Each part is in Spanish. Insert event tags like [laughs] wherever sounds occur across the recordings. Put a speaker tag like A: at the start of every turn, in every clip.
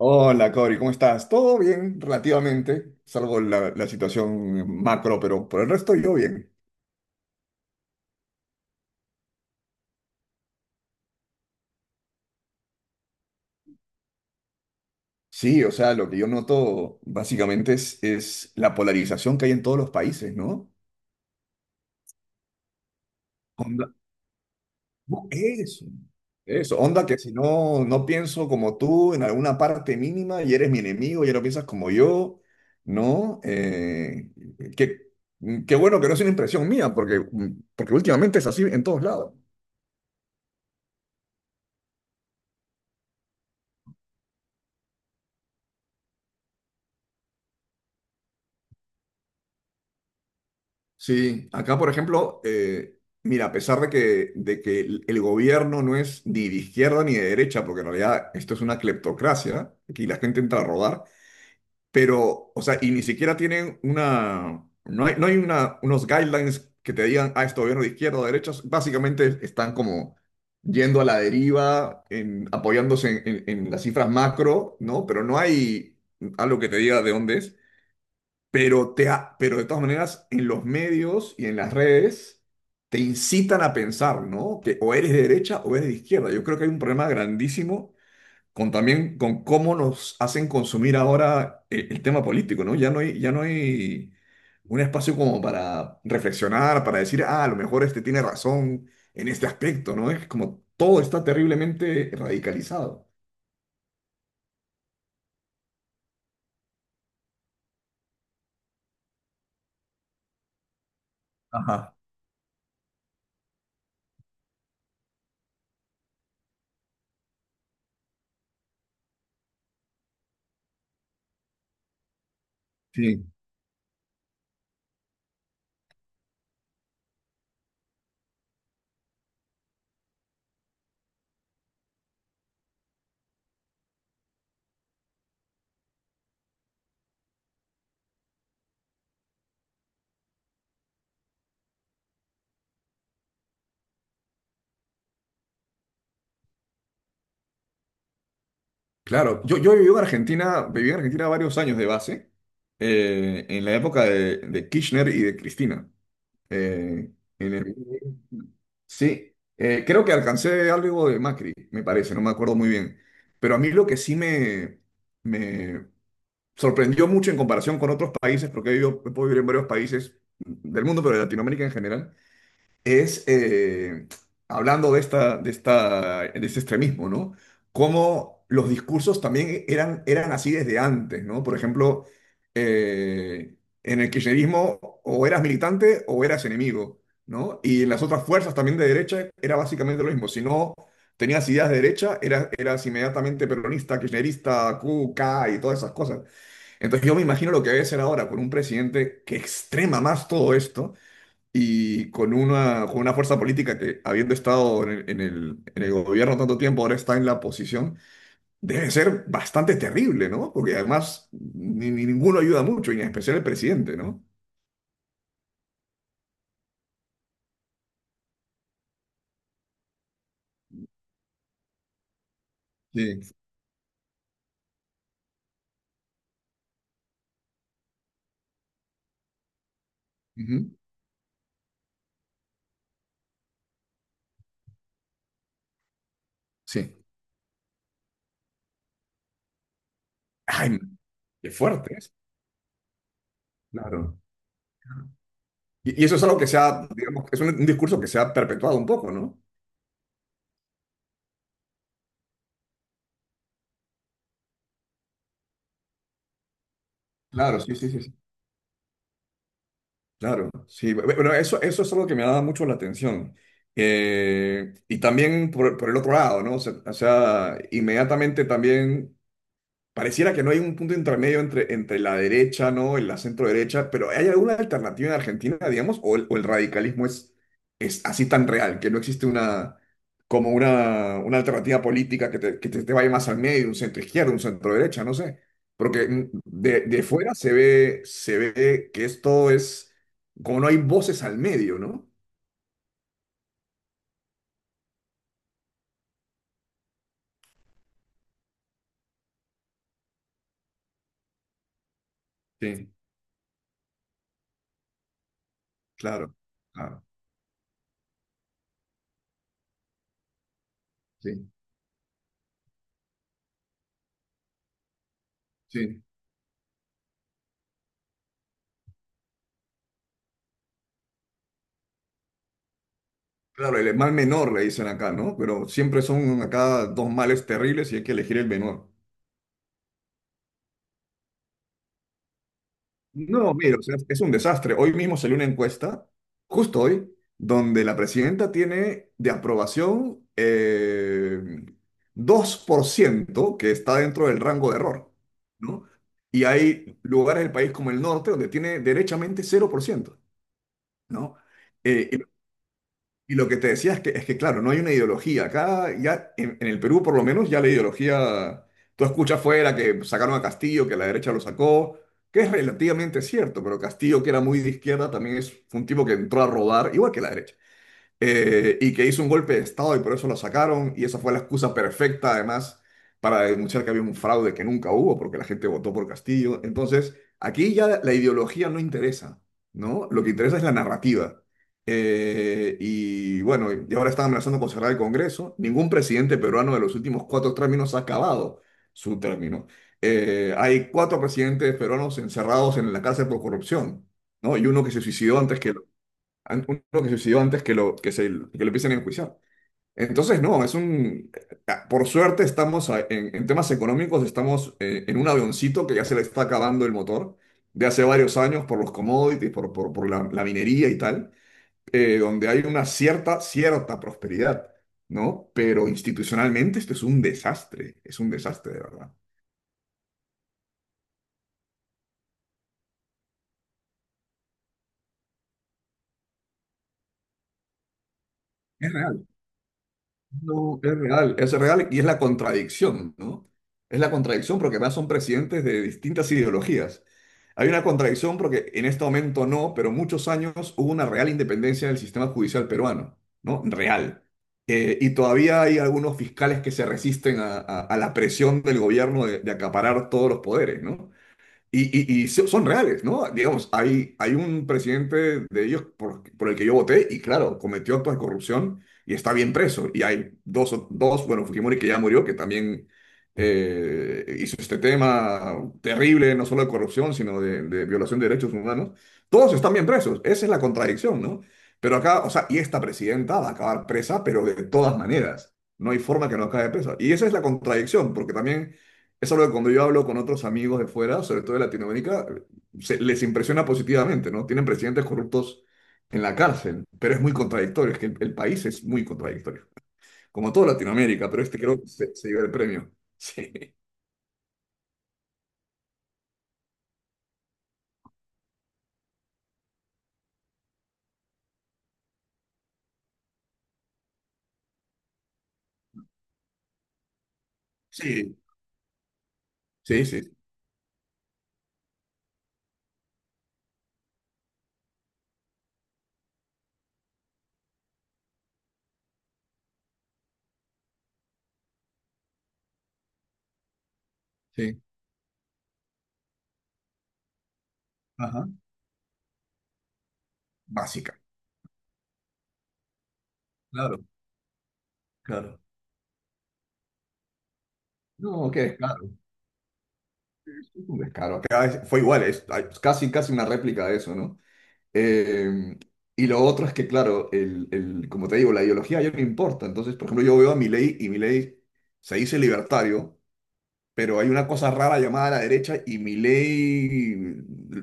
A: Hola, Cori, ¿cómo estás? Todo bien, relativamente, salvo la situación macro, pero por el resto yo bien. Sí, o sea, lo que yo noto básicamente es la polarización que hay en todos los países, ¿no? Onda, no, eso, onda que si no, no pienso como tú en alguna parte mínima y eres mi enemigo, ya no piensas como yo, ¿no? Que, qué bueno que no es una impresión mía, porque últimamente es así en todos lados. Sí, acá por ejemplo, mira, a pesar de que el gobierno no es ni de izquierda ni de derecha, porque en realidad esto es una cleptocracia, aquí la gente entra a rodar, pero, o sea, y ni siquiera tienen una, no hay, no hay una, unos guidelines que te digan, ah, este gobierno de izquierda o de derecha, básicamente están como yendo a la deriva, en, apoyándose en, en las cifras macro, ¿no? Pero no hay algo que te diga de dónde es. Pero, pero de todas maneras, en los medios y en las redes te incitan a pensar, ¿no? Que o eres de derecha o eres de izquierda. Yo creo que hay un problema grandísimo con también con cómo nos hacen consumir ahora el tema político, ¿no? Ya no hay un espacio como para reflexionar, para decir, ah, a lo mejor este tiene razón en este aspecto, ¿no? Es como todo está terriblemente radicalizado. Ajá. Sí. Claro, yo viví en Argentina varios años de base, en la época de Kirchner y de Cristina. eh, en el- sí, creo que alcancé algo de Macri, me parece, no me acuerdo muy bien. Pero a mí lo que sí me sorprendió mucho en comparación con otros países, porque he vivido, he podido vivir en varios países del mundo, pero de Latinoamérica en general, es, hablando de esta, de esta, de este extremismo, ¿no? Cómo los discursos también eran así desde antes, ¿no? Por ejemplo, eh, en el kirchnerismo o eras militante o eras enemigo, ¿no? Y en las otras fuerzas también de derecha era básicamente lo mismo. Si no tenías ideas de derecha, eras inmediatamente peronista, kirchnerista, Q, K y todas esas cosas. Entonces yo me imagino lo que debe ser ahora con un presidente que extrema más todo esto y con una fuerza política que, habiendo estado en el, en el, en el gobierno tanto tiempo, ahora está en la oposición, debe ser bastante terrible, ¿no? Porque además ni, ni ninguno ayuda mucho, y en especial el presidente, ¿no? Sí, ujú, sí. Ay, qué fuerte es. Claro. Y eso es algo que se ha, digamos, es un discurso que se ha perpetuado un poco, ¿no? Claro, sí, sí, sí, sí. Claro, sí. Bueno, eso es algo que me ha dado mucho la atención. Y también por el otro lado, ¿no? O sea, inmediatamente también. Pareciera que no hay un punto intermedio entre, entre la derecha, ¿no? En la centro derecha, pero ¿hay alguna alternativa en Argentina, digamos? O el radicalismo es así tan real, que no existe una, como una alternativa política que te vaya más al medio, un centro izquierdo, un centro derecha, no sé? Porque de fuera se ve que esto es, como no hay voces al medio, ¿no? Sí. Claro, claro, sí, sí. Claro, el mal menor le dicen acá, ¿no? Pero siempre son acá dos males terribles y hay que elegir el menor. No, mira, o sea, es un desastre. Hoy mismo salió una encuesta, justo hoy, donde la presidenta tiene de aprobación 2%, que está dentro del rango de error, ¿no? Y hay lugares del país como el norte donde tiene derechamente 0%, ¿no? Eh, y lo que te decía es que claro, no hay una ideología. Acá, ya en el Perú, por lo menos, ya la ideología. Tú escuchas afuera que sacaron a Castillo, que la derecha lo sacó, que es relativamente cierto, pero Castillo, que era muy de izquierda, también es fue un tipo que entró a robar, igual que la derecha y que hizo un golpe de Estado y por eso lo sacaron, y esa fue la excusa perfecta además para denunciar que había un fraude que nunca hubo, porque la gente votó por Castillo. Entonces, aquí ya la ideología no interesa, ¿no? Lo que interesa es la narrativa. Y bueno, y ahora están amenazando con cerrar el Congreso. Ningún presidente peruano de los últimos cuatro términos ha acabado su término. Hay cuatro presidentes peruanos encerrados en la cárcel por corrupción, ¿no? Y uno que se suicidó antes que an- uno que suicidó antes que lo, que se, que lo empiecen a enjuiciar. Entonces, no, es un... Por suerte estamos en temas económicos, estamos en un avioncito que ya se le está acabando el motor de hace varios años por los commodities, por la, la minería y tal, donde hay una cierta, cierta prosperidad, ¿no? Pero institucionalmente esto es un desastre de verdad. Es real. No, es real y es la contradicción, ¿no? Es la contradicción porque además son presidentes de distintas ideologías. Hay una contradicción porque en este momento no, pero muchos años hubo una real independencia del sistema judicial peruano, ¿no? Real. Y todavía hay algunos fiscales que se resisten a, a la presión del gobierno de acaparar todos los poderes, ¿no? Y, y, son reales, ¿no? Digamos, hay un presidente de ellos por el que yo voté y claro, cometió actos de corrupción y está bien preso. Y hay dos, dos bueno, Fujimori que ya murió, que también hizo este tema terrible, no solo de corrupción, sino de violación de derechos humanos. Todos están bien presos, esa es la contradicción, ¿no? Pero acá, o sea, y esta presidenta va a acabar presa, pero de todas maneras, no hay forma que no acabe presa. Y esa es la contradicción, porque también es algo que cuando yo hablo con otros amigos de fuera, sobre todo de Latinoamérica, les impresiona positivamente, ¿no? Tienen presidentes corruptos en la cárcel, pero es muy contradictorio, es que el país es muy contradictorio, como toda Latinoamérica, pero este creo que se lleva el premio. [laughs] Sí, sí, sí, sí, sí. Ajá. Básica. Claro, claro. No, qué descaro, es un descaro. Acá fue igual, es, casi, casi una réplica de eso, ¿no? Eh, y lo otro es que, claro, el, como te digo, la ideología ya no importa. Entonces, por ejemplo, yo veo a Milei y Milei se dice libertario, pero hay una cosa rara llamada la derecha y Milei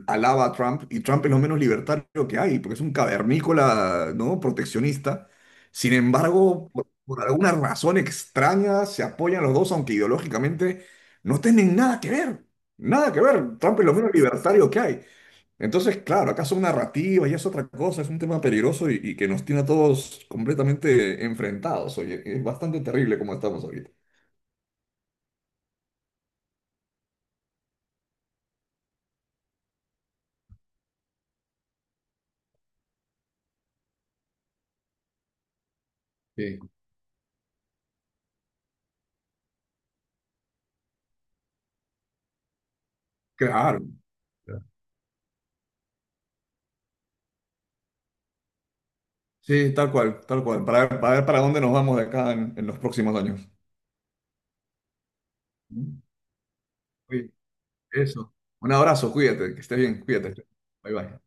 A: alaba a Trump y Trump es lo menos libertario que hay, porque es un cavernícola, ¿no? Proteccionista. Sin embargo, por alguna razón extraña se apoyan los dos, aunque ideológicamente no tienen nada que ver. Nada que ver. Trump es lo menos libertario que hay. Entonces, claro, acá son narrativas y es otra cosa, es un tema peligroso y que nos tiene a todos completamente enfrentados. Oye, es bastante terrible como estamos ahorita. Sí. Claro, claro. Sí, tal cual, tal cual. Ver para dónde nos vamos de acá en los próximos años. Oye, eso. Un abrazo, cuídate, que estés bien, cuídate. Bye bye.